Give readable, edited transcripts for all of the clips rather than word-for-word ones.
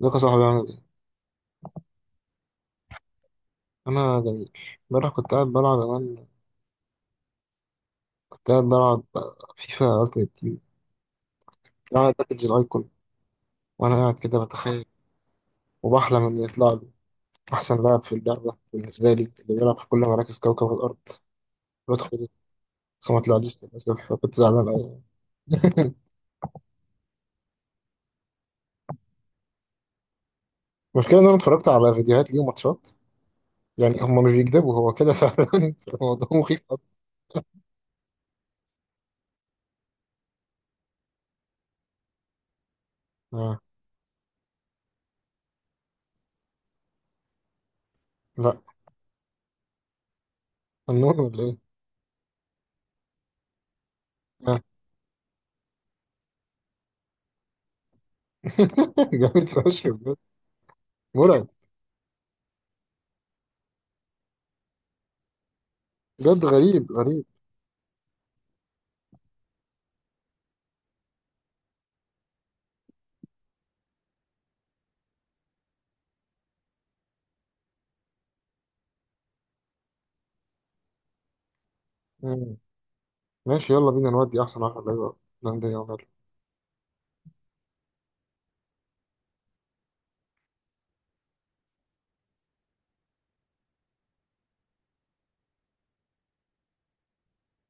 ازيك يا صاحبي؟ عامل ايه؟ أنا جميل، امبارح كنت قاعد بلعب أمان. كنت قاعد بلعب فيفا ألتيمت تيم، بلعب باكج الأيكون وأنا قاعد كده بتخيل وبحلم إن يطلع لي أحسن لاعب في اللعبة بالنسبة لي، اللي بيلعب في كل مراكز كوكب الأرض، الواد خالد. بس ما طلعليش للأسف، فكنت زعلان أوي. المشكلة إن أنا اتفرجت على فيديوهات ليه وماتشات، يعني هما مش بيكذبوا، هو كده فعلا. الموضوع مخيف أوي. آه. لا، فنون ولا إيه؟ آه. جامد فشخ بجد. مرعب. بجد غريب. آه. ماشي، يلا بينا نودي احسن واحد. ايوه، هولندا يلا.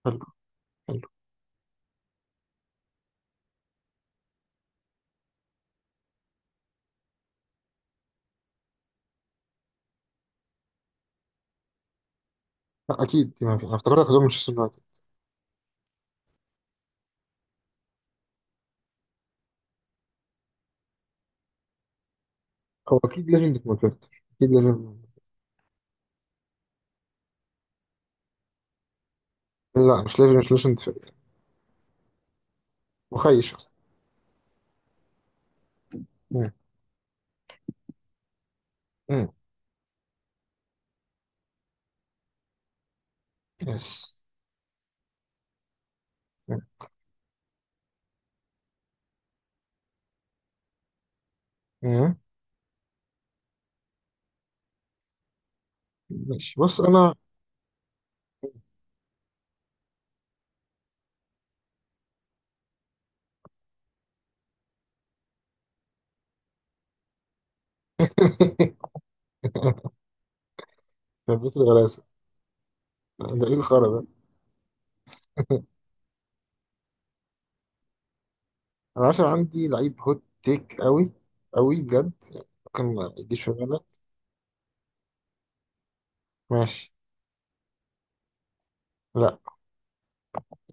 حلو. حلو. لا، اكيد دي ما في، انا افتكرتك هتقول مانشستر يونايتد. هو اكيد ليجند في مانشستر، اكيد ليجند. لا، مش ليجند، مش ليجند فريق. مخيش اصلا. مم. مم. يس. مم. مم. ماشي، بص انا. بيت الغلاسه. ده ايه الخرا ده؟ انا عشان عندي لعيب هوت تيك قوي، قوي بجد، ممكن ما يجيش في بالك. ماشي. لا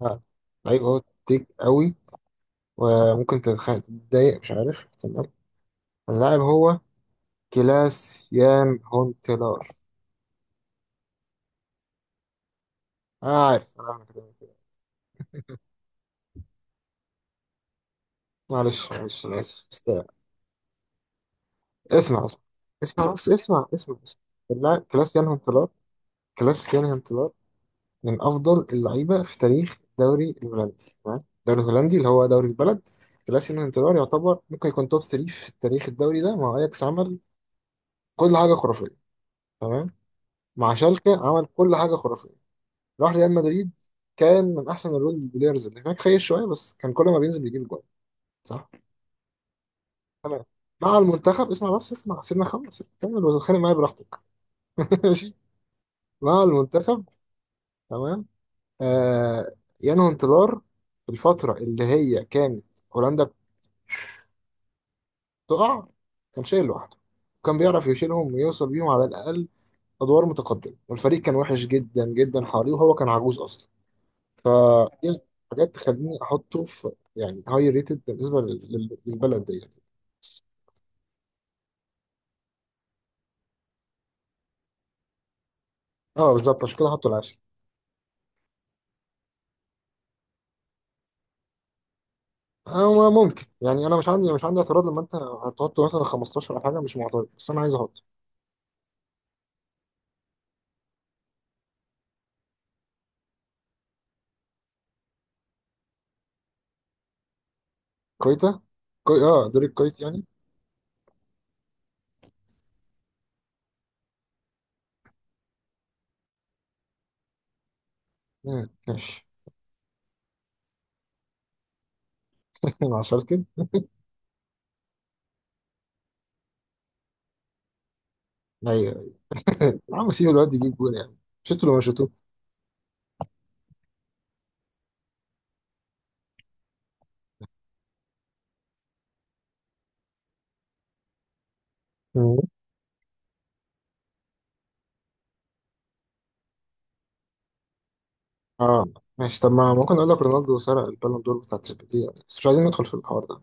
لا. لعيب هوت تيك قوي، وممكن تتضايق، مش عارف، تمام؟ اللاعب هو كلاس يان هون تيلار. آه عارف، آه، أنا عارف كده كده. معلش معلش، أنا آسف بس اسمع اسمع اسمع بس اسمع. اللاعب كلاس يان هون تيلار، كلاس يان هون تيلار من أفضل اللعيبة في تاريخ الدوري الهولندي، تمام؟ الدوري الهولندي اللي هو دوري البلد. كلاس يان هون تيلار يعتبر ممكن يكون توب 3 في التاريخ الدوري ده. مع أياكس عمل كل حاجة خرافية، تمام؟ مع شالكة عمل كل حاجة خرافية. راح ريال مدريد، كان من أحسن الرول بلايرز اللي هناك، خير شوية، بس كان كل ما بينزل بيجيب جول، صح؟ تمام. مع المنتخب، اسمع بس اسمع، سيبنا خمس كمل وتتخانق معايا براحتك. ماشي. مع المنتخب، تمام، آه، ينهو انتظار الفترة اللي هي كانت هولندا بتقع، كان شايل لوحده، كان بيعرف يشيلهم ويوصل بيهم على الأقل أدوار متقدمة، والفريق كان وحش جدا جدا حواليه، وهو كان عجوز أصلا. فدي حاجات تخليني أحطه في يعني هاي ريتد بالنسبة للبلد ديت. اه بالظبط، عشان كده حطه العاشر. هو ممكن يعني انا مش عندي اعتراض لما انت هتحط مثلا 15 او حاجه، مش معترض، بس انا عايز احط كويتا. اه دوري الكويت يعني. مم، ماشي. مع شالكن. ايوه يا عم، سيب الواد يجيب جول يعني، شفتوا لو ما شفتوه. مم. اه ماشي، طب ما ممكن اقول لك رونالدو سرق البالون دور بتاع تريبيري يعني، بس مش عايزين ندخل في الحوار ده.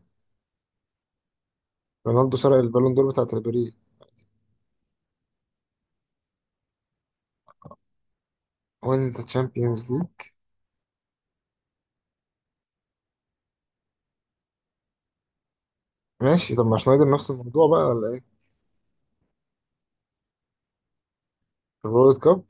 رونالدو سرق البالون دور بتاع تريبيري. وين ذا تشامبيونز ليج. ماشي، طب ما شنايدر نفس الموضوع بقى ولا ايه؟ الورلد كاب.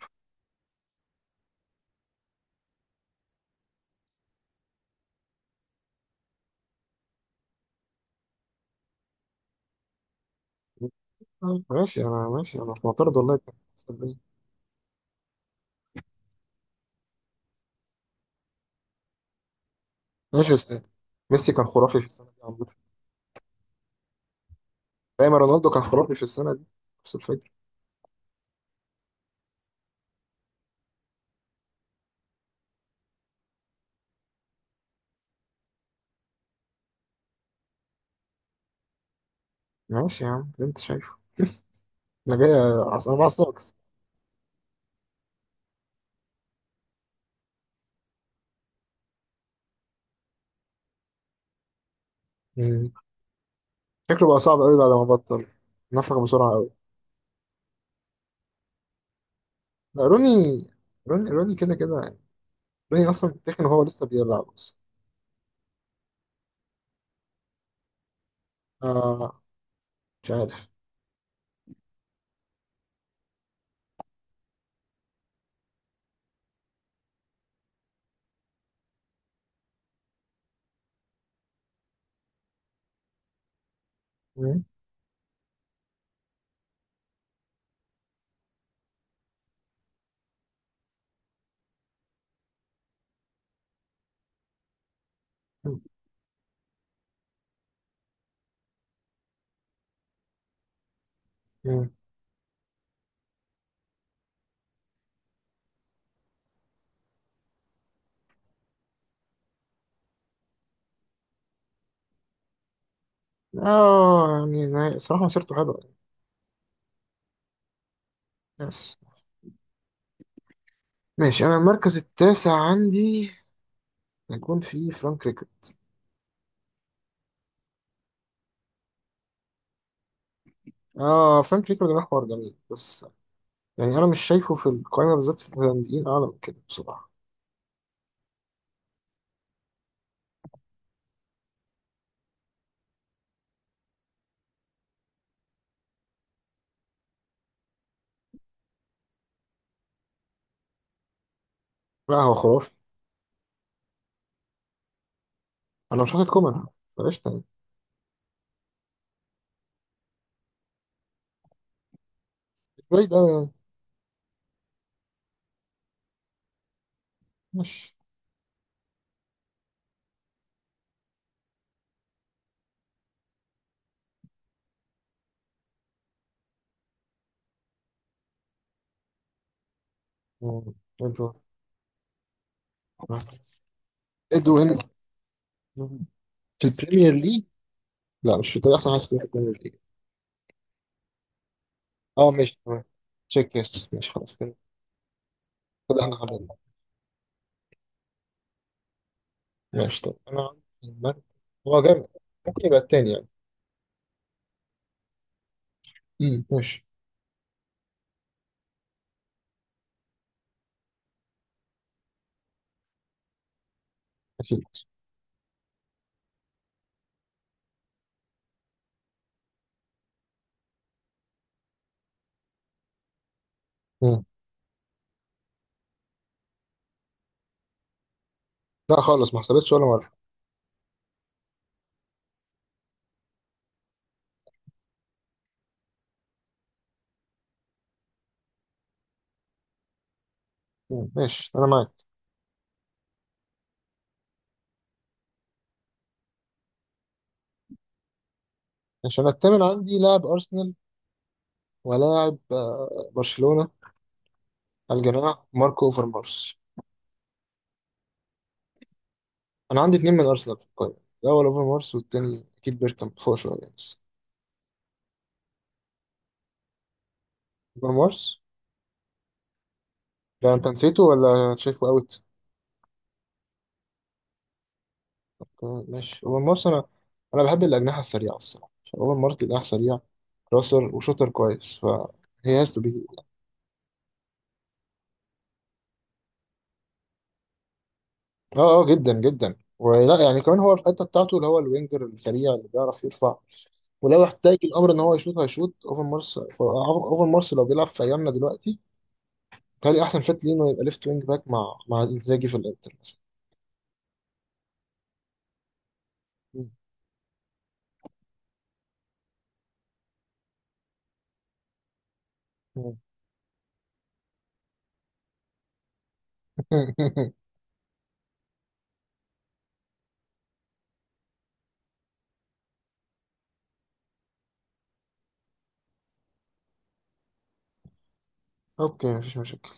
آه، ماشي انا، ماشي انا في معترض والله. ماشي بس ميسي كان خرافي في السنة دي عامة. دايما رونالدو كان خرافي في السنة دي، نفس الفكرة. ماشي يا عم، اللي انت شايفه. انا جاي. انا بعصبك. مم. شكله بقى صعب قوي بعد ما بطل، نفخ بسرعة قوي. لا، روني، روني كده كده يعني. روني اصلا تخن وهو لسه بيلعب اصلا. آه، مش عارف. مم. مم. اه يعني نهاية، صراحة مسيرته حلوة يعني. يس. ماشي، انا المركز التاسع عندي هيكون في فرانك ريكارد. اه فرانك ريكارد ده حوار جميل، بس يعني انا مش شايفه في القائمه بالذات في الهولنديين اعلى من كده بصراحه. لا هو خرافي. انا مش حاطط كومان، بلاش تاني. مش بعيد قوي يعني. ماشي. مم. ادو. ادوين. في البريمير ليج. لا مش في طريق احسن حاسس في البريمير ليج. اه ماشي تمام. تشيك يس، ماشي خلاص كده. كده احنا حللنا. ماشي، طب انا عندي المركز. هو جامد، ممكن يبقى التاني يعني. امم، ماشي. اكيد. مم. لا خالص، ما حصلتش ولا مره. ماشي انا معاك. ماشي، انا التامن عندي لاعب ارسنال ولاعب آه، برشلونه، الجناح ماركو اوفرمارس. انا عندي اتنين من ارسنال في القائمه، الاول اوفرمارس والتاني اكيد بيركامب فوق شويه بس. اوفرمارس، ده انت نسيته ولا شايفه اوت؟ تمام، ماشي اوفرمارس. انا انا بحب الاجنحه السريعه الصراحه، عشان اوفرمارس جناح سريع، كراسر وشوتر كويس، فهي هاز تو بي. اه اه جدا جدا، ولا يعني كمان هو الحته بتاعته اللي هو الوينجر السريع اللي بيعرف يرفع، ولو احتاج الامر ان هو يشوط هيشوط. اوفرمارس، اوفرمارس لو بيلعب في ايامنا دلوقتي كان احسن فات ليه انه يبقى ليفت وينج باك مع انزاجي في الانتر مثلا. مم. مم. اوكي، مفيش مشاكل.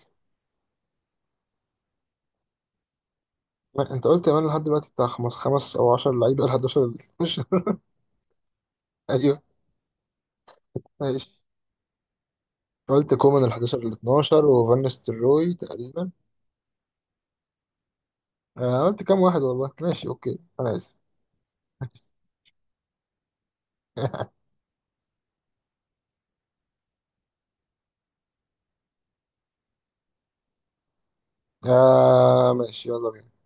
ما انت قلت كمان لحد دلوقتي بتاع خمس خمس او 10 لعيبه، ال 11 ال 12. ايوه. ماشي، قلت كومان ال 11 ال 12 وفان نيستلروي تقريبا. آه قلت كام واحد والله، ماشي اوكي انا اسف. آه ماشي، يلا بينا.